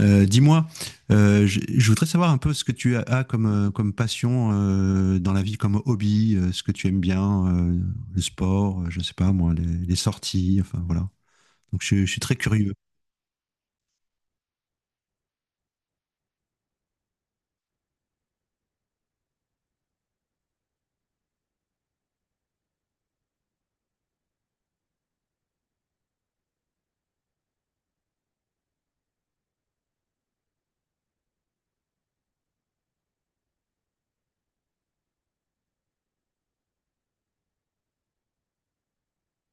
Dis-moi, je voudrais savoir un peu ce que tu as comme, comme passion dans la vie, comme hobby, ce que tu aimes bien, le sport, je sais pas moi, les sorties, enfin voilà. Donc je suis très curieux.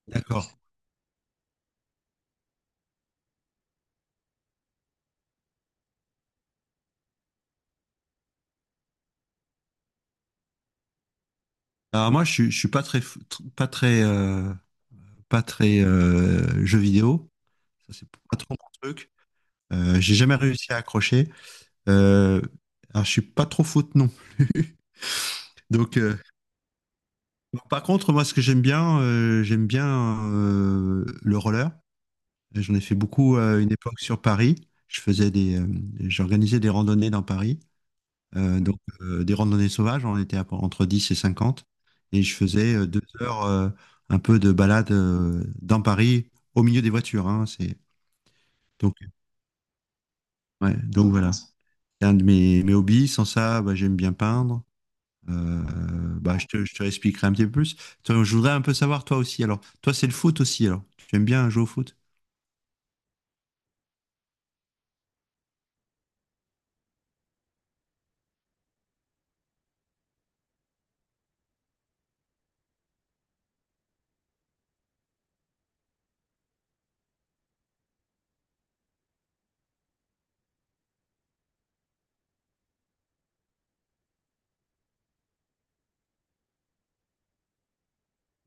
D'accord. Alors moi, je suis pas très, pas très, pas très jeu vidéo. Ça c'est pas trop mon truc. J'ai jamais réussi à accrocher. Euh, alors je suis pas trop foot non plus. Donc euh, Bon, par contre, moi, ce que j'aime bien le roller. J'en ai fait beaucoup à une époque sur Paris. J'organisais des randonnées dans Paris. Des randonnées sauvages, on était entre 10 et 50. Et je faisais 2 heures un peu de balade dans Paris, au milieu des voitures, hein. c'est, donc, ouais, donc Voilà. C'est un de mes hobbies. Sans ça, bah, j'aime bien peindre. Je te expliquerai un petit peu plus. Toi, je voudrais un peu savoir, toi aussi. Alors, toi, c'est le foot aussi, alors. Tu aimes bien jouer au foot?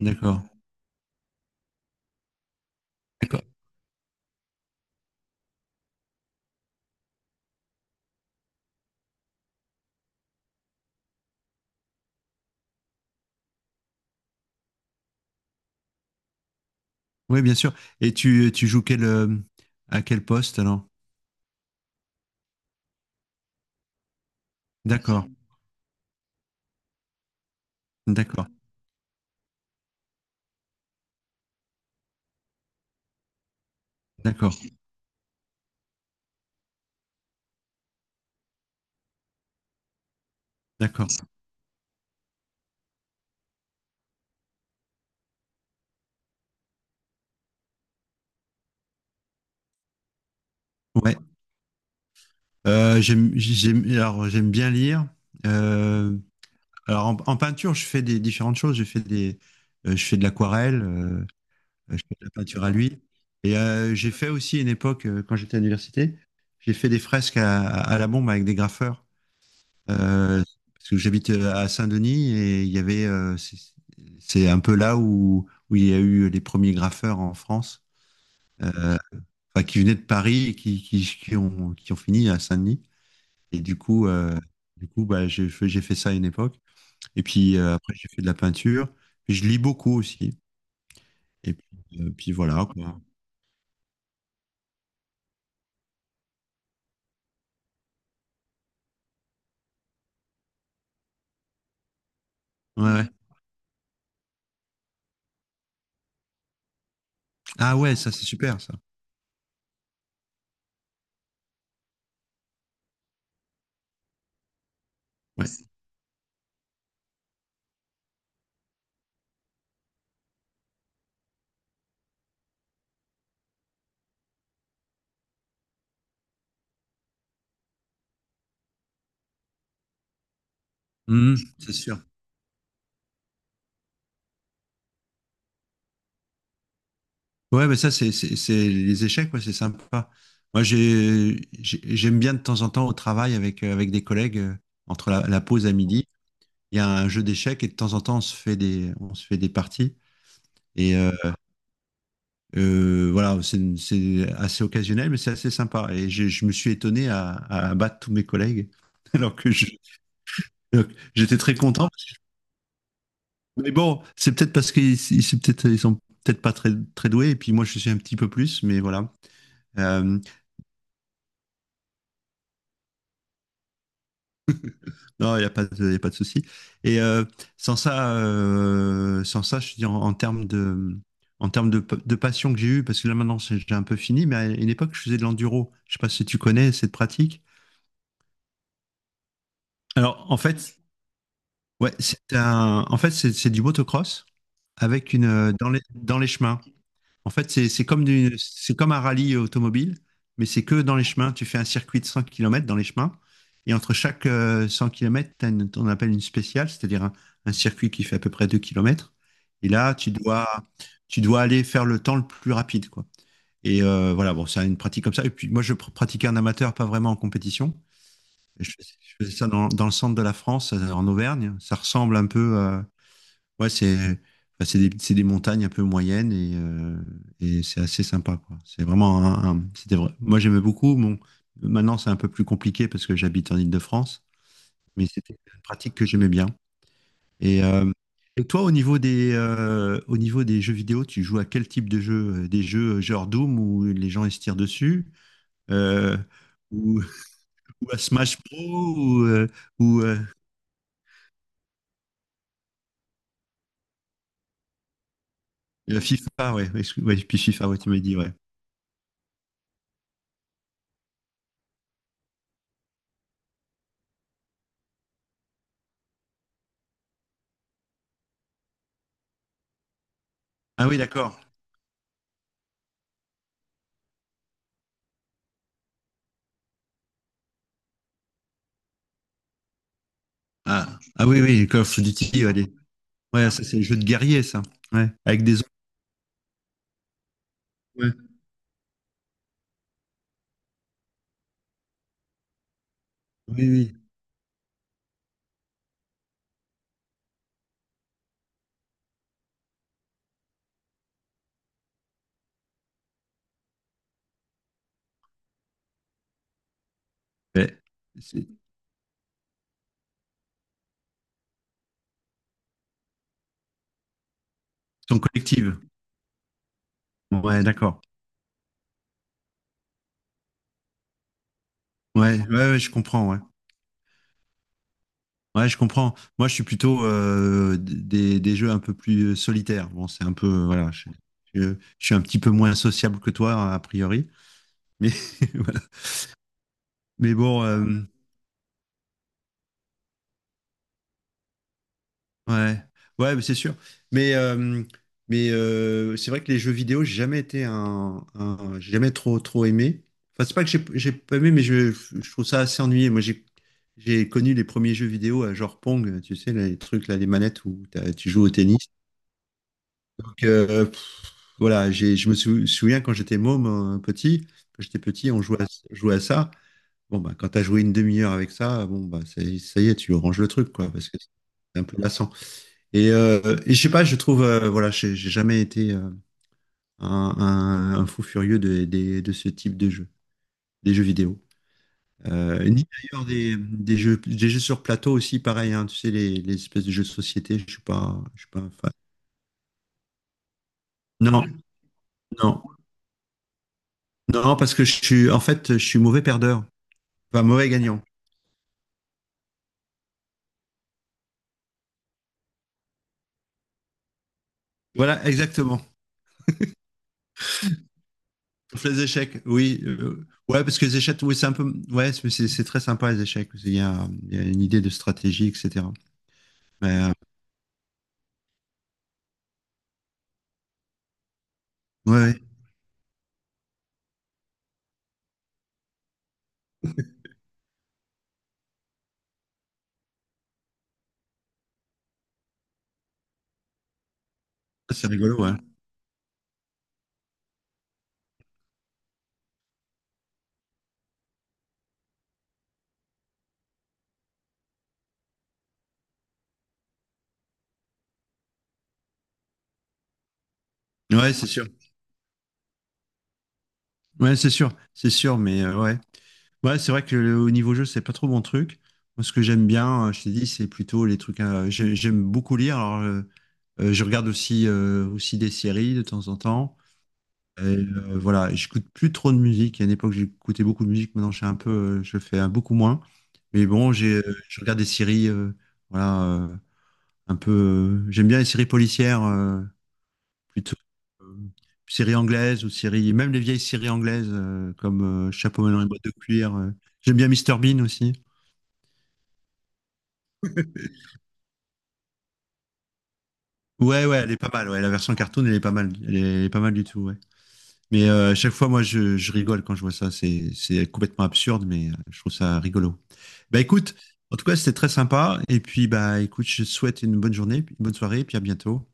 D'accord. D'accord. Oui, bien sûr. Et tu joues quel, à quel poste, alors? D'accord. D'accord. D'accord. D'accord. Ouais. J'aime bien lire. Euh, En, en peinture, je fais des différentes choses. Je fais de l'aquarelle. Je fais de la peinture à l'huile. J'ai fait aussi une époque, quand j'étais à l'université, j'ai fait des fresques à la bombe avec des graffeurs. Euh, Parce que j'habite à Saint-Denis et il y avait, c'est un peu là où il y a eu les premiers graffeurs en France, euh, enfin, qui venaient de Paris et qui ont fini à Saint-Denis. Et du coup, euh, du coup, bah, j'ai fait ça à une époque. Et puis après, j'ai fait de la peinture. Je lis beaucoup aussi. Et puis, voilà, quoi. Ouais, ouais. Ah ouais, ça c'est super ça. Ouais. Mhm, c'est sûr. Ouais, mais c'est les échecs, ouais, c'est sympa. Moi j'aime bien de temps en temps au travail avec avec des collègues entre la pause à midi, il y a un jeu d'échecs et de temps en temps on se fait des parties et voilà, c'est assez occasionnel mais c'est assez sympa et je me suis étonné à battre tous mes collègues alors que je- alors que j'étais très content. Mais bon, c'est peut-être parce qu'ils c'est peut-être, ils sont peut-être pas très, très doués, et puis moi je suis un petit peu plus, mais voilà. Euh, non, il n'y a pas de, y a pas de souci. Et euh, Sans ça, sans ça, je dis en termes de, de passion que j'ai eue, parce que là maintenant j'ai un peu fini, mais à une époque je faisais de l'enduro. Je sais pas si tu connais cette pratique. Alors en fait, ouais, c'est un, en fait c'est du motocross avec une dans les chemins. En fait, c'est comme un rallye automobile, mais c'est que dans les chemins. Tu fais un circuit de 100 km dans les chemins, et entre chaque 100 km, on appelle une spéciale, c'est-à-dire un circuit qui fait à peu près 2 km. Et là, tu dois aller faire le temps le plus rapide, quoi. Voilà, bon, c'est une pratique comme ça. Et puis moi, pratiquais en amateur, pas vraiment en compétition. Je faisais ça dans le centre de la France, en Auvergne. Ça ressemble un peu, Ouais, c'est enfin, c'est des montagnes un peu moyennes et c'est assez sympa, quoi. C'est vraiment c'était vrai. Moi, j'aimais beaucoup. Bon, maintenant, c'est un peu plus compliqué parce que j'habite en Île-de-France, mais c'était une pratique que j'aimais bien. Et, euh, et toi, au niveau des jeux vidéo, tu joues à quel type de jeu? Des jeux genre Doom où les gens ils se tirent dessus, euh, ou, ou à Smash Bros, ou FIFA, ouais. Ouais, puis FIFA, ouais, tu m'as dit, ouais. Ah oui, d'accord. Ah, ah oui, oui, Call of Duty, allez. Ouais, ça, c'est les jeux de guerrier, ça. Ouais, avec des autres. Ouais. Oui, oui. Ouais. Ils sont collectives. Ouais, d'accord. Ouais, ouais, ouais, je comprends, ouais. Ouais, je comprends. Moi, je suis plutôt des jeux un peu plus solitaires. Bon, c'est un peu. Voilà. Je suis un petit peu moins sociable que toi, a priori. Mais, voilà. Mais bon. Ouais, ouais, mais c'est sûr. Mais, euh, mais c'est vrai que les jeux vidéo, j'ai jamais été j'ai jamais trop, trop aimé. Enfin, c'est pas que j'ai pas aimé, mais je trouve ça assez ennuyé. Moi, j'ai connu les premiers jeux vidéo à genre Pong, tu sais, les trucs là, les manettes où tu joues au tennis. Donc, voilà, je me souviens quand j'étais môme, euh, petit, quand j'étais petit, on jouait à ça. Bon, bah, quand t'as joué une demi-heure avec ça, bon, bah, ça y est, tu ranges le truc, quoi, parce que c'est un peu lassant. Et, euh, et je sais pas, je trouve, voilà, j'ai jamais été un, un fou furieux de ce type de jeu, des jeux vidéo. Ni d'ailleurs des, des jeux sur plateau aussi, pareil, hein, tu sais, les espèces de jeux de société, je suis pas un fan. Non, non, non, parce que je suis, en fait, je suis mauvais perdeur, enfin mauvais gagnant. Voilà, exactement. Sauf les échecs, oui. Ouais, parce que les échecs, oui, c'est un peu, ouais, c'est très sympa les échecs. Il y a une idée de stratégie, etc. Mais, euh, ouais, ouais, c'est rigolo, ouais. Ouais, c'est sûr. Ouais, c'est sûr. C'est sûr, mais ouais. Ouais, c'est vrai que au niveau jeu, c'est pas trop mon truc. Moi, ce que j'aime bien, je t'ai dit, c'est plutôt les trucs. J'aime beaucoup lire. Je regarde aussi, aussi des séries de temps en temps. Voilà, j'écoute plus trop de musique. À une époque, j'écoutais beaucoup de musique. Maintenant, je suis un peu, je fais un beaucoup moins. Mais bon, je regarde des séries. Voilà, euh, un peu. J'aime bien les séries policières. Plutôt euh, séries anglaises ou séries, même les vieilles séries anglaises comme Chapeau melon et boîte de cuir. J'aime bien Mister Bean aussi. Ouais, ouais, elle est pas mal. Ouais, la version cartoon, elle est pas mal. Elle est pas mal du tout. Ouais. Mais à chaque fois, moi, je rigole quand je vois ça. C'est complètement absurde, mais je trouve ça rigolo. Bah écoute, en tout cas, c'était très sympa. Et puis, bah écoute, je te souhaite une bonne journée, une bonne soirée, et puis à bientôt.